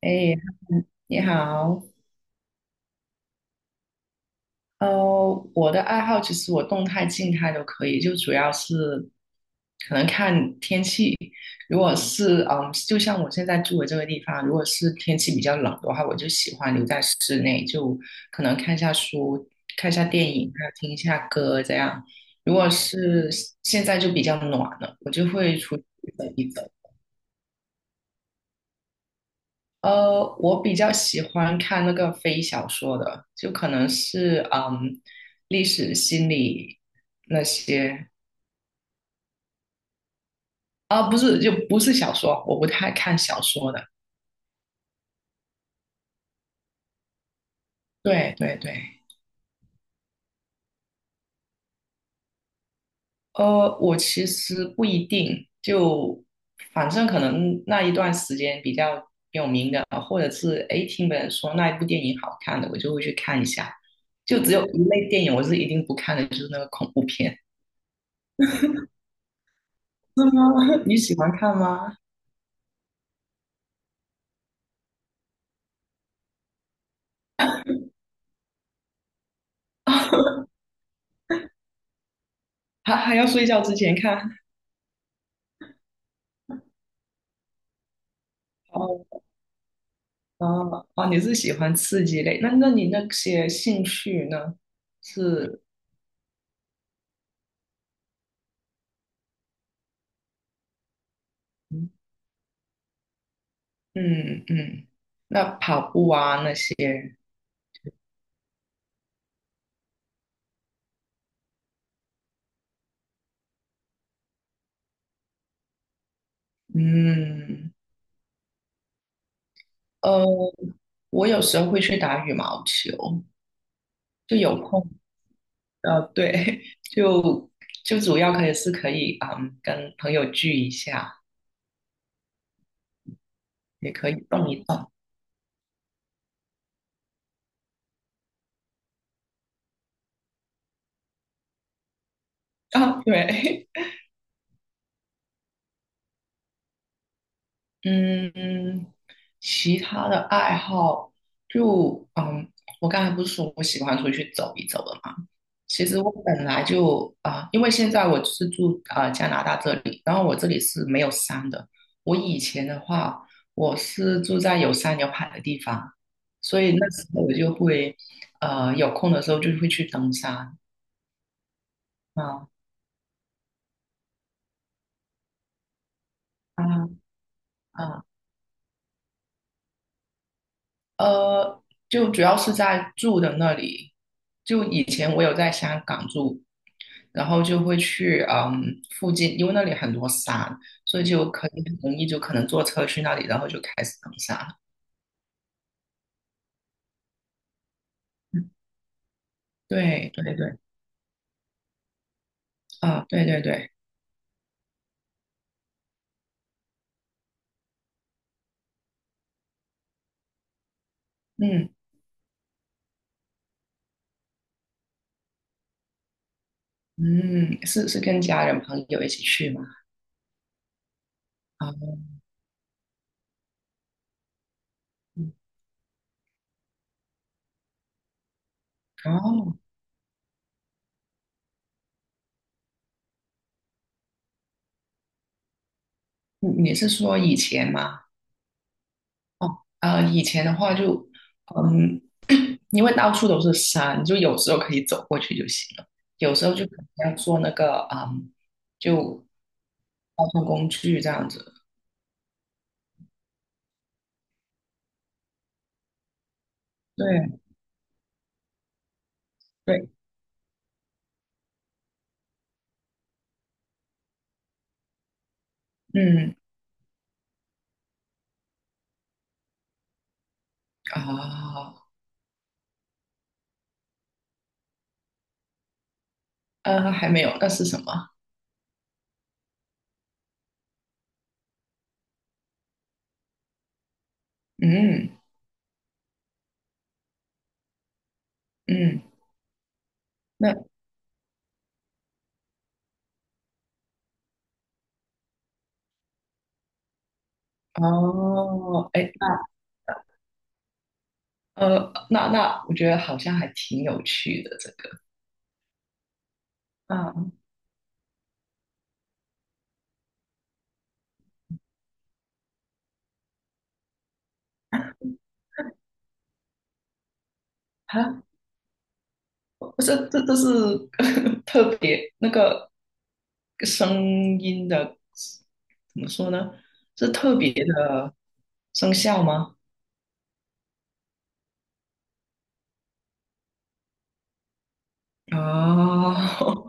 哎，你好。呃，我的爱好其实我动态、静态都可以，就主要是可能看天气。如果是就像我现在住的这个地方，如果是天气比较冷的话，我就喜欢留在室内，就可能看一下书、看一下电影啊，还有听一下歌这样。如果是现在就比较暖了，我就会出去走一走。我比较喜欢看那个非小说的，就可能是历史、心理那些。啊，不是，就不是小说，我不太看小说的。对对对。我其实不一定，就反正可能那一段时间比较有名的，或者是诶听别人说那一部电影好看的，我就会去看一下。就只有一类电影我是一定不看的，就是那个恐怖片。是吗？你喜欢看吗？还要睡觉之前看。哦哦哦，你是喜欢刺激类？那你那些兴趣呢？是。嗯嗯，嗯，那跑步啊那些，嗯。呃，我有时候会去打羽毛球，就有空。对，就主要可以是可以，跟朋友聚一下，也可以动一动。啊，对。嗯，其他的爱好就我刚才不是说我喜欢出去走一走的嘛？其实我本来就啊、因为现在我是住加拿大这里，然后我这里是没有山的。我以前的话，我是住在有山有海的地方，所以那时候我就会有空的时候就会去登山。啊，啊啊！呃，就主要是在住的那里。就以前我有在香港住，然后就会去附近，因为那里很多山，所以就可以很容易就可能坐车去那里，然后就开始登山。对对对。啊，对对对。嗯嗯，是是跟家人朋友一起去吗？啊，嗯。哦，你你是说以前吗？哦，以前的话就，嗯，因为到处都是山，就有时候可以走过去就行了，有时候就可能要坐那个，就交通工具这样子。对对，嗯啊。还没有，那是什么？嗯嗯，那，哦，哎。那那我觉得好像还挺有趣的这个。嗯啊，哈，不是，这都是 特别那个声音的，怎么说呢？是特别生效吗？哦，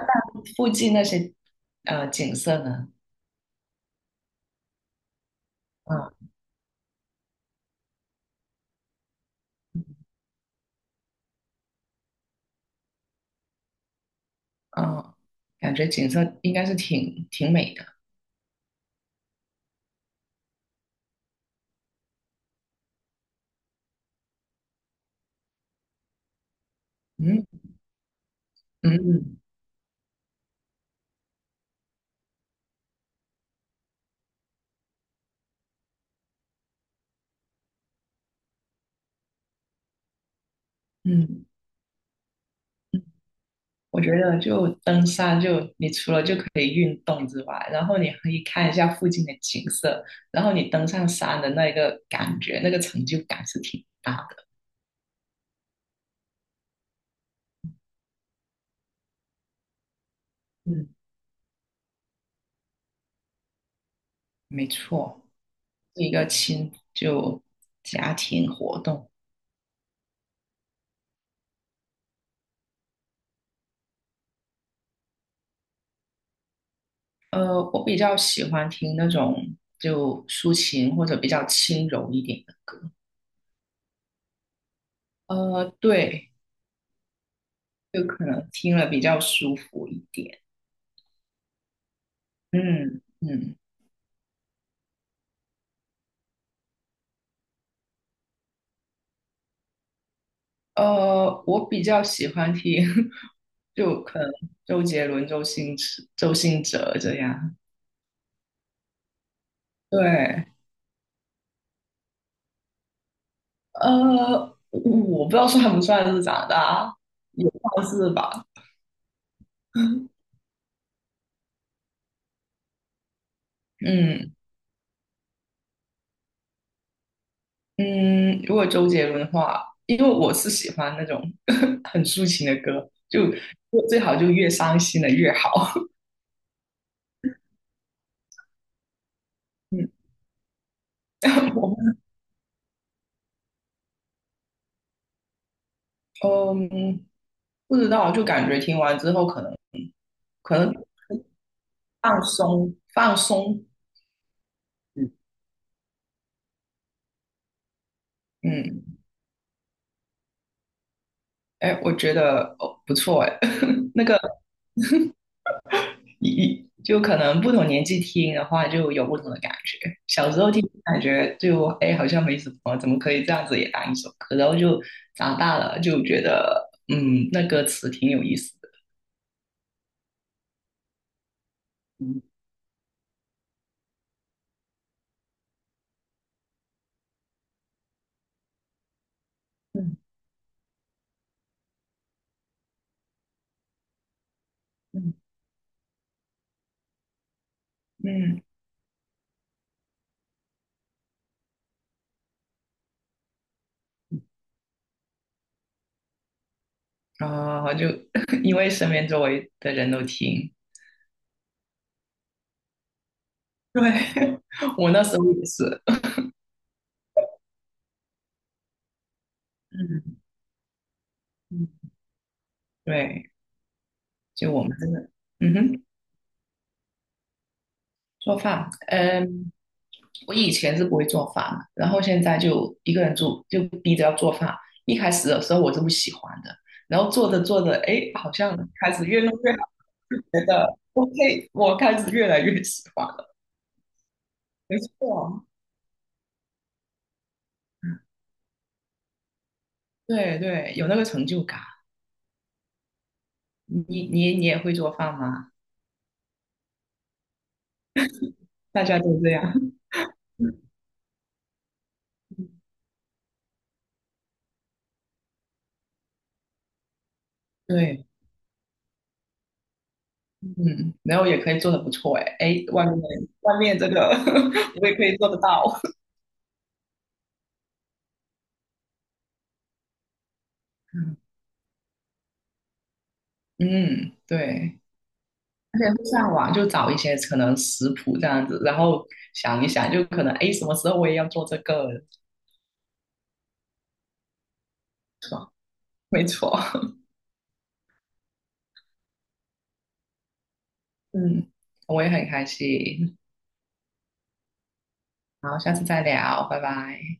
附近那些景色呢？嗯嗯，感觉景色应该是挺美的。嗯嗯嗯。我觉得就登山就，你除了就可以运动之外，然后你可以看一下附近的景色，然后你登上山的那个感觉，那个成就感是挺大的。嗯，没错，是一个亲就家庭活动。我比较喜欢听那种就抒情或者比较轻柔一点的歌。对，就可能听了比较舒服一点。嗯嗯。我比较喜欢听，就可能周杰伦、周星驰、周星哲这样。对。我不知道算不算是长大，也算是吧。嗯嗯，如果周杰伦的话，因为我是喜欢那种 很抒情的歌，就最好就越伤心的越好。嗯，我不知道，就感觉听完之后可能可能放松放松。嗯。嗯，哎，我觉得哦不错哎，那个一就可能不同年纪听的话，就有不同的感觉。小时候听感觉就哎好像没什么，怎么可以这样子也当一首歌？然后就长大了就觉得那歌词挺有意思的。嗯嗯嗯嗯，啊、就 因为身边周围的人都听。对， 我那时候也是。嗯嗯，对，就我们真的，嗯哼。做饭，我以前是不会做饭的，然后现在就一个人住，就逼着要做饭。一开始的时候我是不喜欢的，然后做着做着，哎，好像开始越弄越好，觉得 OK，我开始越来越喜欢了。没错，对对，有那个成就感。你也会做饭吗？大家都这样。对，嗯，然后也可以做的不错，哎哎，外面外面这个 我也可以做得到。嗯，对。而且会上网就找一些可能食谱这样子，然后想一想，就可能哎，什么时候我也要做这个，是吧？没错。嗯，我也很开心。好，下次再聊，拜拜。